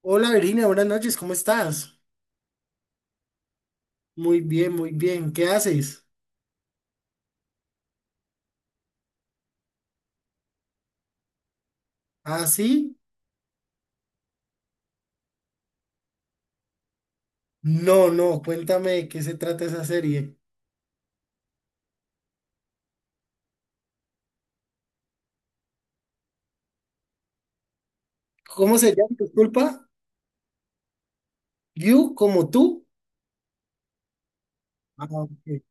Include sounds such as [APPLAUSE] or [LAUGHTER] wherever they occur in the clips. Hola Verina, buenas noches, ¿cómo estás? Muy bien, ¿qué haces? ¿Ah, sí? No, no, cuéntame de qué se trata esa serie. ¿Cómo se llama? Disculpa, You como tú. Ah, ok.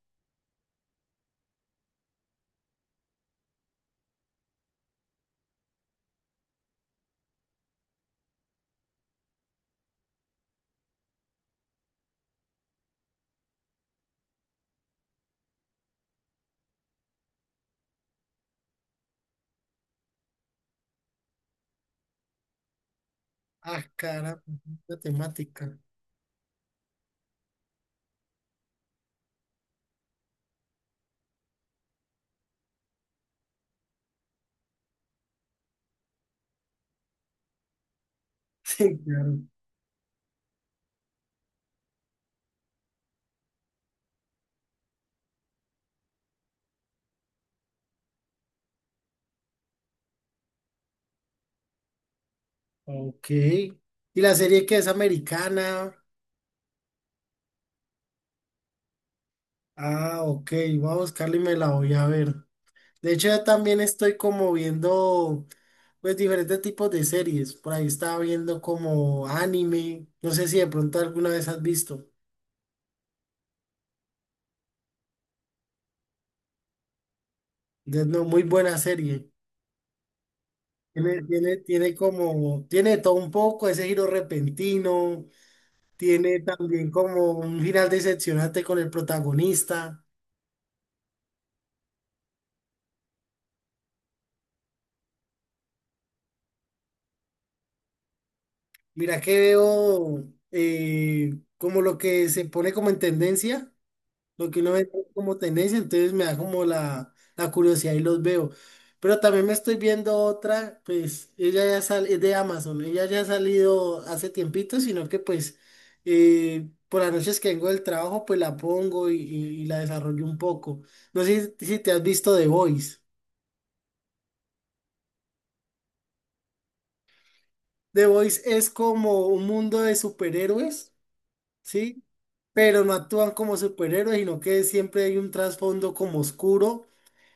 Ah, caramba, la temática. [LAUGHS] Sí, claro. Ok. ¿Y la serie que es americana? Ah, ok, voy a buscarla y me la voy a ver. De hecho, yo también estoy como viendo. Pues diferentes tipos de series. Por ahí estaba viendo como anime. No sé si de pronto alguna vez has visto. Es una muy buena serie. Tiene como, tiene de todo un poco, ese giro repentino. Tiene también como un final decepcionante con el protagonista. Mira que veo como lo que se pone como en tendencia. Lo que uno ve como tendencia, entonces me da como la curiosidad y los veo. Pero también me estoy viendo otra, pues ella ya sale, es de Amazon, ella ya ha salido hace tiempito, sino que pues por las noches que vengo del trabajo, pues la pongo y la desarrollo un poco. No sé si te has visto The Voice. The Voice es como un mundo de superhéroes, ¿sí? Pero no actúan como superhéroes, sino que siempre hay un trasfondo como oscuro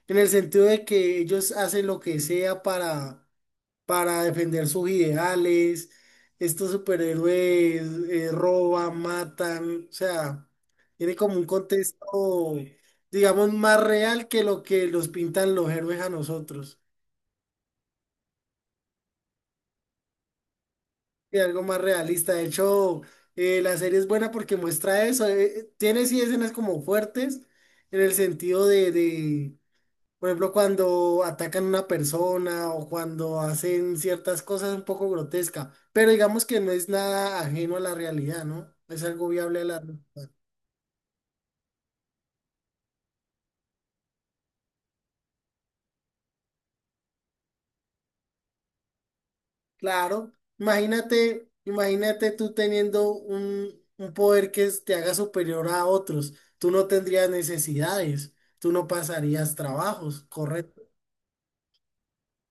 en el sentido de que ellos hacen lo que sea para defender sus ideales. Estos superhéroes roban, matan, o sea, tiene como un contexto, digamos, más real que lo que nos pintan los héroes a nosotros. Y algo más realista. De hecho, la serie es buena porque muestra eso. Tiene sí escenas como fuertes en el sentido de por ejemplo, cuando atacan a una persona o cuando hacen ciertas cosas un poco grotesca, pero digamos que no es nada ajeno a la realidad, ¿no? Es algo viable a la realidad. Claro, imagínate, imagínate tú teniendo un poder que es- te haga superior a otros. Tú no tendrías necesidades, tú no pasarías trabajos, correcto.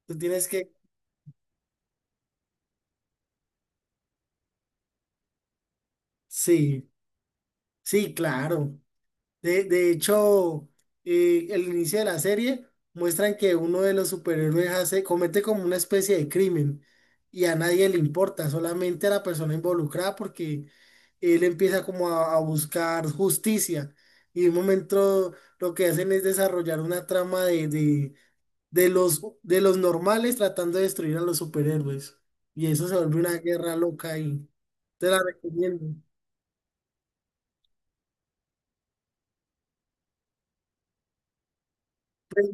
Tú tienes que, sí, sí, claro. De hecho, el inicio de la serie muestran que uno de los superhéroes hace, comete como una especie de crimen y a nadie le importa, solamente a la persona involucrada porque él empieza como a buscar justicia y de un momento lo que hacen es desarrollar una trama de de los normales tratando de destruir a los superhéroes y eso se vuelve una guerra loca y te la recomiendo.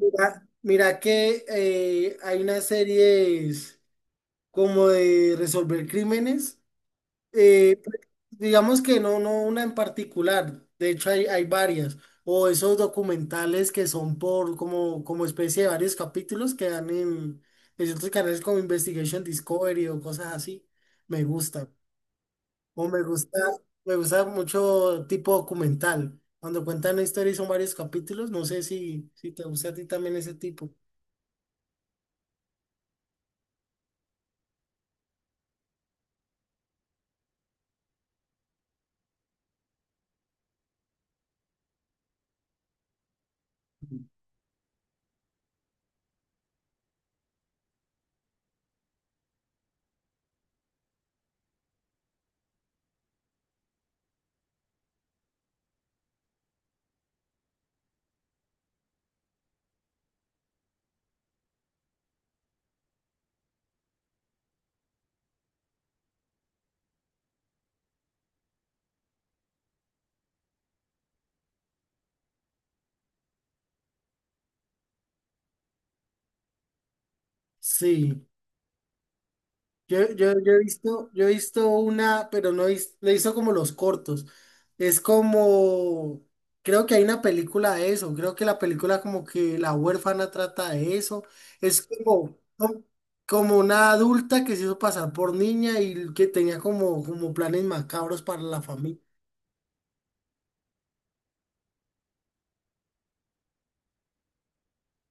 Ya, mira que hay unas series como de resolver crímenes. eh, pues, digamos que no, no una en particular. De hecho, hay varias. O esos documentales que son por como, como especie de varios capítulos que dan en ciertos canales como Investigation Discovery o cosas así. Me gusta. O me gusta mucho tipo documental. Cuando cuentan una historia y son varios capítulos, no sé si te gusta a ti también ese tipo. Sí. Yo he visto, yo he visto una, pero no he vis- le hizo como los cortos. Es como, creo que hay una película de eso. Creo que la película como que la huérfana trata de eso. Es como, como como una adulta que se hizo pasar por niña y que tenía como, como planes macabros para la familia.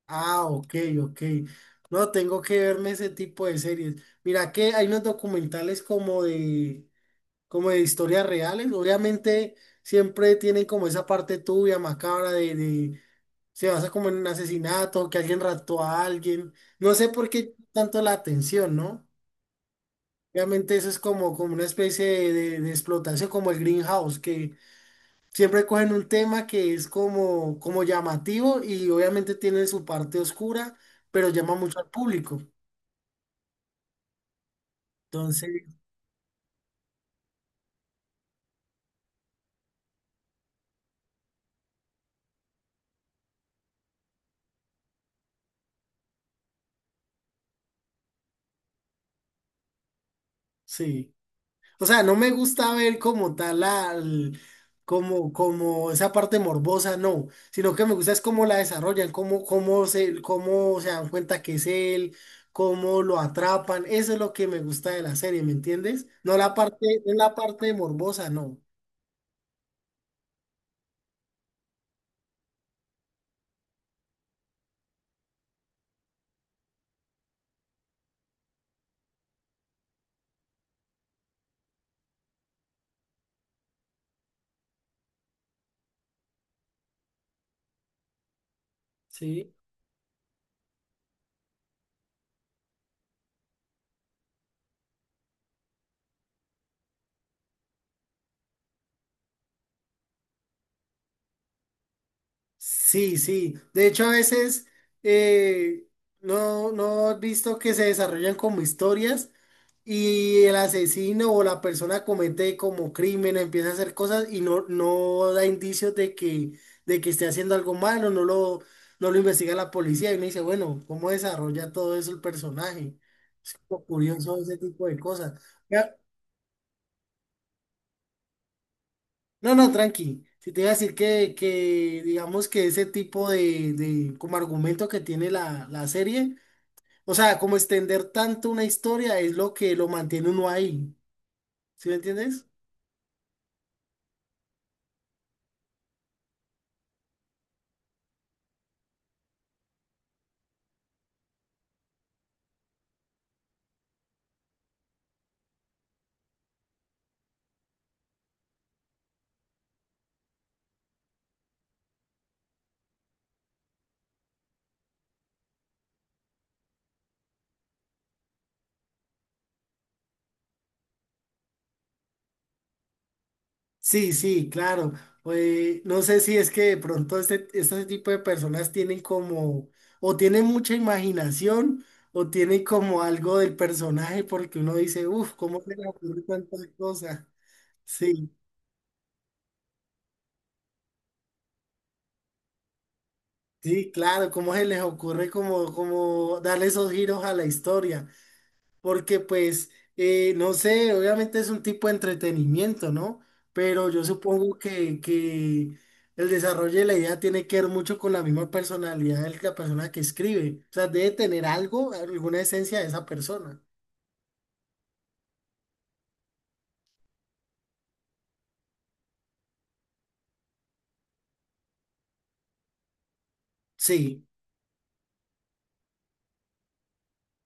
Ah, ok, ok. No, tengo que verme ese tipo de series. Mira que hay unos documentales como de historias reales. Obviamente siempre tienen como esa parte tuya, macabra, de- se basa como en un asesinato, que alguien raptó a alguien. No sé por qué tanto la atención, ¿no? Obviamente eso es como, como una especie de explotación, como el Greenhouse, que siempre cogen un tema que es como, como llamativo y obviamente tiene su parte oscura, pero llama mucho al público. Entonces, sí. O sea, no me gusta ver como tal al, como, como esa parte morbosa, no, sino que me gusta es cómo la desarrollan, cómo, cómo se dan cuenta que es él, cómo lo atrapan, eso es lo que me gusta de la serie, ¿me entiendes? No la parte, no la parte morbosa, no. Sí. Sí, sí. De hecho, a veces eh, no, no has visto que se desarrollan como historias y el asesino o la persona comete como crimen, empieza a hacer cosas y no, no da indicios de que esté haciendo algo malo, no lo investiga la policía y uno dice, bueno, ¿cómo desarrolla todo eso el personaje? Es como curioso ese tipo de cosas. No, no, tranqui. Si te iba a decir que digamos que ese tipo de como argumento que tiene la serie, o sea, como extender tanto una historia es lo que lo mantiene uno ahí. ¿Sí me entiendes? Sí, sí, claro. Pues, no sé si es que de pronto este tipo de personas tienen como, o tienen mucha imaginación, o tienen como algo del personaje, porque uno dice, uff, ¿cómo se le ocurre tantas cosas? Sí. Sí, claro, cómo se les ocurre como, como darle esos giros a la historia, porque pues, no sé, obviamente es un tipo de entretenimiento, ¿no? Pero yo supongo que el desarrollo de la idea tiene que ver mucho con la misma personalidad de la persona que escribe, o sea, debe tener algo, alguna esencia de esa persona. Sí,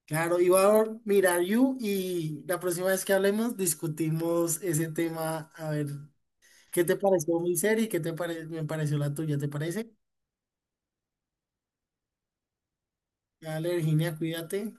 claro, iba a mirar You y la próxima vez que hablemos discutimos ese tema, a ver. ¿Qué te pareció mi serie? ¿Qué te pare- me pareció la tuya? ¿Te parece? Dale, Virginia, cuídate.